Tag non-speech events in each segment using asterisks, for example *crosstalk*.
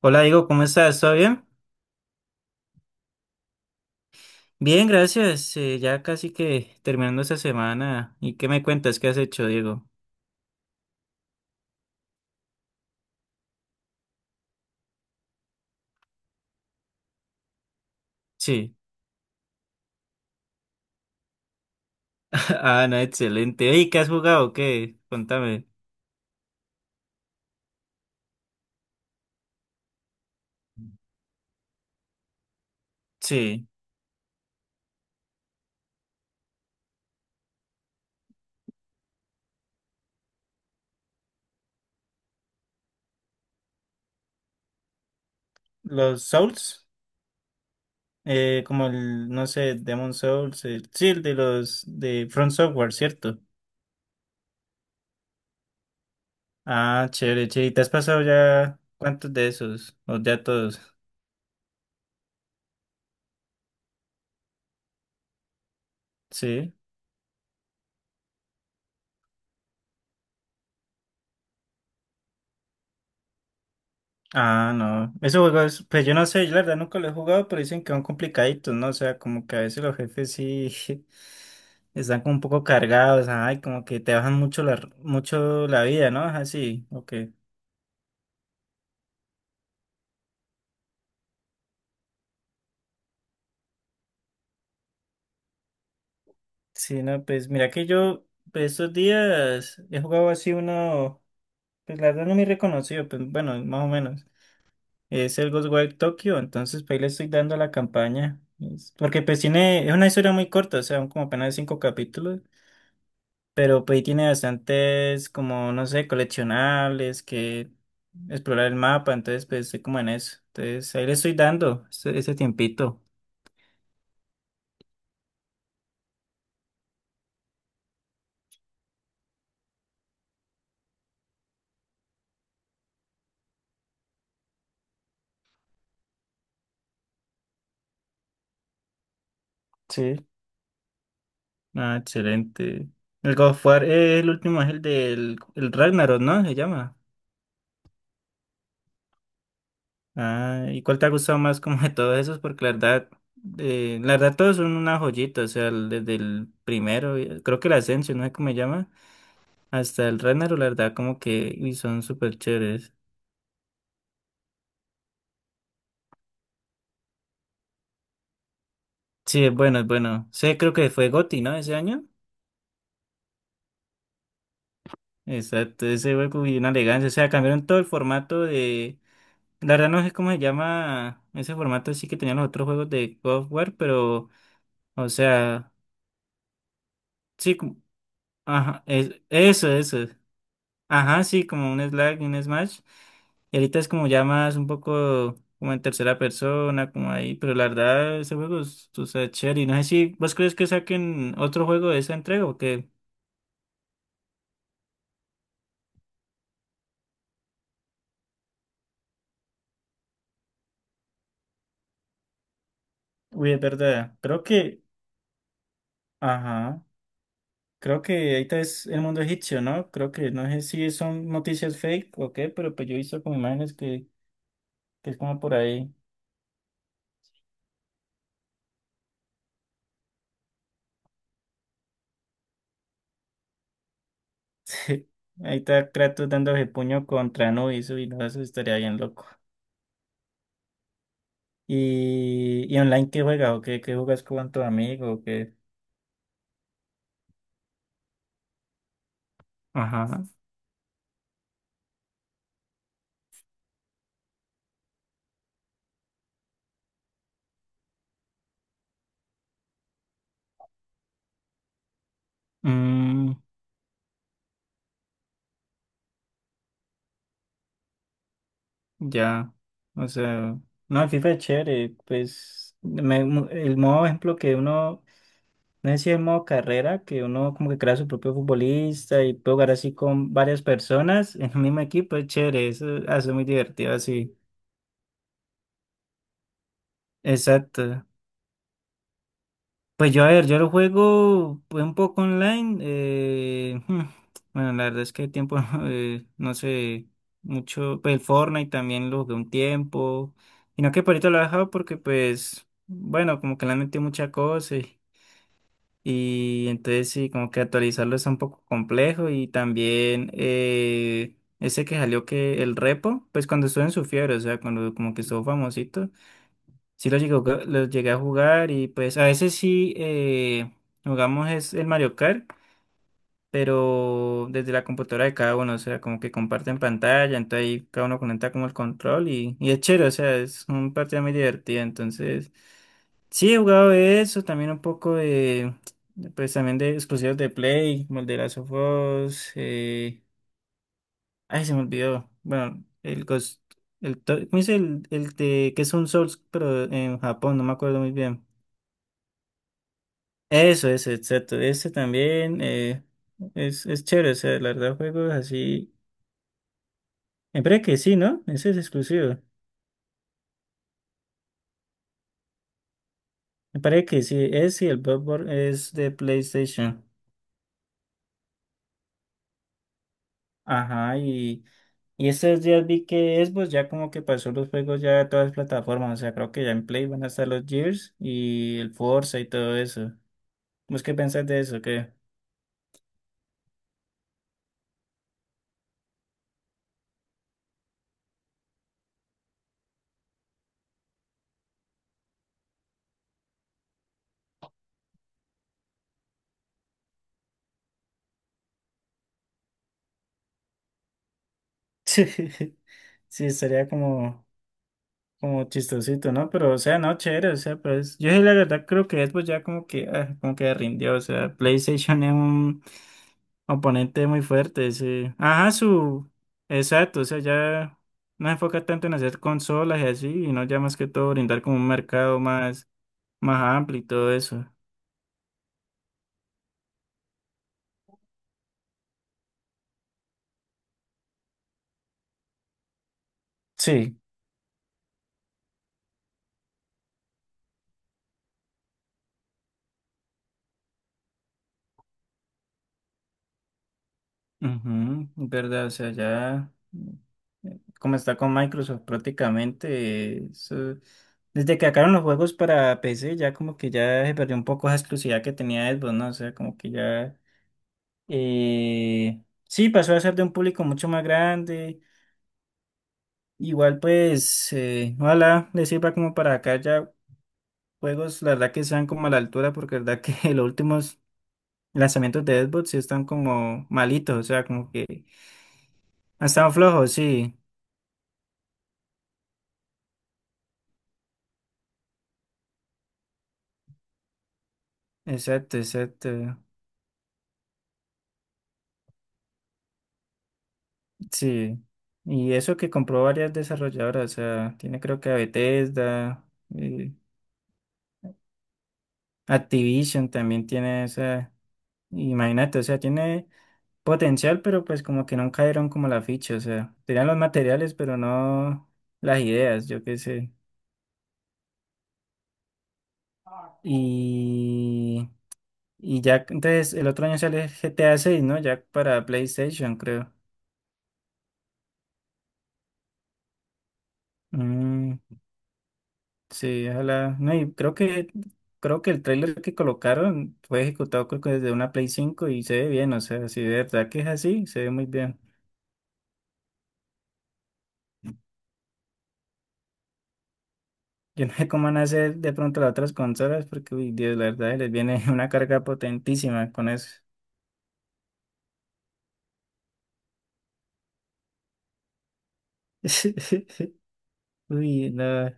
Hola, Diego, ¿cómo estás? ¿Todo bien? Bien, gracias. Ya casi que terminando esta semana. ¿Y qué me cuentas? ¿Qué has hecho, Diego? Sí. *laughs* Ah, no, excelente. ¿Y qué has jugado? ¿Qué? Contame. Sí. Los Souls, como no sé, Demon Souls, sí, el de los de Front Software, ¿cierto? Ah, chévere, chévere. ¿Y te has pasado ya cuántos de esos? ¿O ya todos? Sí. Ah, no. Esos juegos, pues yo no sé, yo la verdad nunca lo he jugado, pero dicen que son complicaditos, ¿no? O sea, como que a veces los jefes sí *laughs* están como un poco cargados, ay, como que te bajan mucho mucho la vida, ¿no? Así, ok. Sí, no, pues mira que yo pues, estos días he jugado así uno, pues la verdad no me reconocido, pues bueno, más o menos. Es el Ghostwire Tokyo, entonces pues ahí le estoy dando la campaña. Porque pues tiene, es una historia muy corta, o sea, como apenas 5 capítulos. Pero pues ahí tiene bastantes, como, no sé, coleccionables, que explorar el mapa, entonces pues estoy como en eso. Entonces ahí le estoy dando ese tiempito. Sí. Ah, excelente. El God of War, el último es el del el Ragnarok, ¿no? Se llama. Ah, ¿y cuál te ha gustado más como de todos esos? Porque la verdad todos son una joyita, o sea, desde el primero, creo que el Ascension, no sé cómo se llama, hasta el Ragnarok, la verdad como que uy, son súper chéveres. Sí, es bueno, es bueno. Sí, creo que fue GOTY, ¿no? Ese año. Exacto, ese juego y una elegancia. O sea, cambiaron todo el formato de. La verdad no sé cómo se llama ese formato, sí que tenían los otros juegos de God of War, pero. O sea, sí, ajá, eso, eso. Ajá, sí, como un Slack y un Smash. Y ahorita es como ya más un poco como en tercera persona, como ahí, pero la verdad ese juego es, o sea, chévere. Y no sé si vos crees que saquen otro juego de esa entrega o qué. Uy, es verdad. Creo que ajá. Creo que ahorita es el mundo egipcio, ¿no? Creo que no sé si son noticias fake o qué, pero pues yo he visto como imágenes que es como por ahí. *laughs* Sí. Ahí está Kratos dándose puño contra Anubis y no, eso estaría bien loco. ¿Y online qué juegas o qué, jugas con tu amigo o qué? Ajá. Mm, ya. O sea, no, el FIFA es chévere. Pues el modo ejemplo que uno no sé si es modo carrera, que uno como que crea su propio futbolista y puede jugar así con varias personas en un mismo equipo, es chévere, eso hace muy divertido así. Exacto. Pues yo, a ver, yo lo juego pues, un poco online. Bueno, la verdad es que el tiempo, *laughs* no sé, mucho. Pues el Fortnite también lo jugué un tiempo. Y no que por ahorita lo he dejado porque, pues, bueno, como que le han metido mucha cosa. Y entonces sí, como que actualizarlo es un poco complejo y también ese que salió que el repo, pues cuando estuvo en su fiebre, o sea, cuando como que estuvo famosito, sí lo llegué a jugar y pues a veces sí jugamos es el Mario Kart, pero desde la computadora de cada uno, o sea, como que comparten pantalla, entonces ahí cada uno conecta como el control y es chévere, o sea, es un partido muy divertido, entonces... Sí, he jugado de eso, también un poco de pues también de exclusivos de Play, como el de Last of Us, ay, se me olvidó, bueno, el Ghost, ¿cómo dice el de, que es un Souls, pero en Japón, no me acuerdo muy bien. Eso, exacto, ese también, es chévere, o sea, la verdad, juegos así, me parece que sí, ¿no? Ese es exclusivo, me parece que sí, ese y el Bloodborne es de PlayStation, ajá, y... Y estos días vi que Xbox ya como que pasó los juegos ya a todas las plataformas. O sea, creo que ya en Play van a estar los Gears y el Forza y todo eso. ¿Vos qué pensás de eso? ¿Qué? *laughs* Sí, sería como, como chistosito, ¿no? Pero, o sea, no, chévere, o sea, pues yo sí la verdad creo que Xbox ya como que, ah, como que rindió. O sea, PlayStation es un oponente muy fuerte, sí. Ajá, su... Exacto, o sea, ya no se enfoca tanto en hacer consolas y así, y no ya más que todo brindar como un mercado más amplio y todo eso. Sí, ujú, es verdad, o sea, ya como está con Microsoft prácticamente, desde que sacaron los juegos para PC, ya como que ya se perdió un poco esa exclusividad que tenía Xbox, ¿no? O sea, como que ya, eh, sí, pasó a ser de un público mucho más grande, igual pues, ojalá les sirva como para acá ya juegos, la verdad que sean como a la altura, porque la verdad que *laughs* los últimos lanzamientos de Xbox sí están como malitos, o sea, como que... Ha estado flojo, sí. Exacto, exacto. Sí. Y eso que compró varias desarrolladoras, o sea, tiene creo que a Bethesda, eh, Activision también tiene esa. Imagínate, o sea, tiene potencial, pero pues como que no cayeron como la ficha, o sea, tenían los materiales, pero no las ideas, yo qué sé. Y, y ya, entonces el otro año sale GTA 6, ¿no? Ya para PlayStation, creo. Mm. Sí, ojalá. No, y creo que el tráiler que colocaron fue ejecutado creo que desde una Play 5 y se ve bien, o sea, si de verdad que es así, se ve muy bien. *laughs* Yo no sé cómo van a hacer de pronto las otras consolas porque uy, Dios, la verdad les viene *laughs* una carga potentísima con eso. *laughs* Uy, no.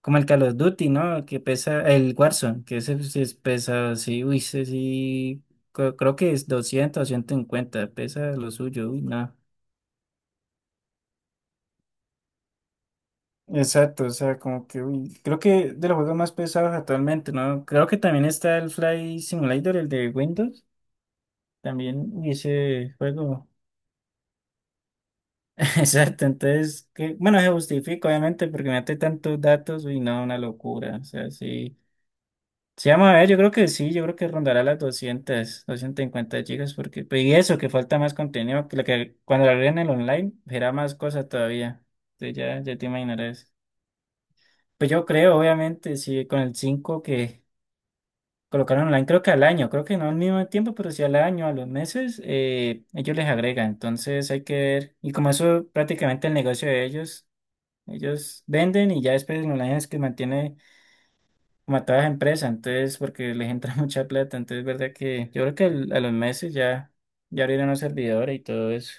Como el Call of Duty, ¿no? Que pesa el Warzone, que ese sí es pesado, sí, uy, ese sí creo que es 200 o 150, pesa lo suyo, uy, no. Exacto, o sea, como que, uy, creo que de los juegos más pesados actualmente, ¿no? Creo que también está el Flight Simulator, el de Windows, también, uy, ese juego. *laughs* Exacto, entonces, que, bueno, se justifica, obviamente, porque mete tantos datos, uy, no, una locura, o sea, sí. Sí, vamos a ver, yo creo que sí, yo creo que rondará las 200, cincuenta gigas, porque, pues, y eso, que falta más contenido, que, lo que cuando lo agreguen el online, será más cosa todavía, entonces ya, ya te imaginarás. Pues yo creo, obviamente, sí, con el 5 que colocaron online, creo que al año, creo que no al mismo tiempo, pero sí al año, a los meses, ellos les agregan. Entonces hay que ver. Y como eso prácticamente el negocio de ellos, ellos venden y ya después el online es que mantiene como a todas las empresas, entonces porque les entra *laughs* mucha plata. Entonces, verdad que yo creo que a los meses ya, ya abrieron los servidores y todo eso.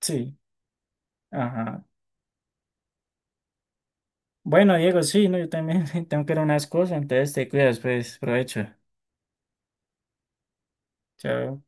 Sí, ajá. Bueno, Diego, sí, no, yo también *laughs* tengo que ir a unas cosas, entonces te cuidas, pues, provecho. Chao.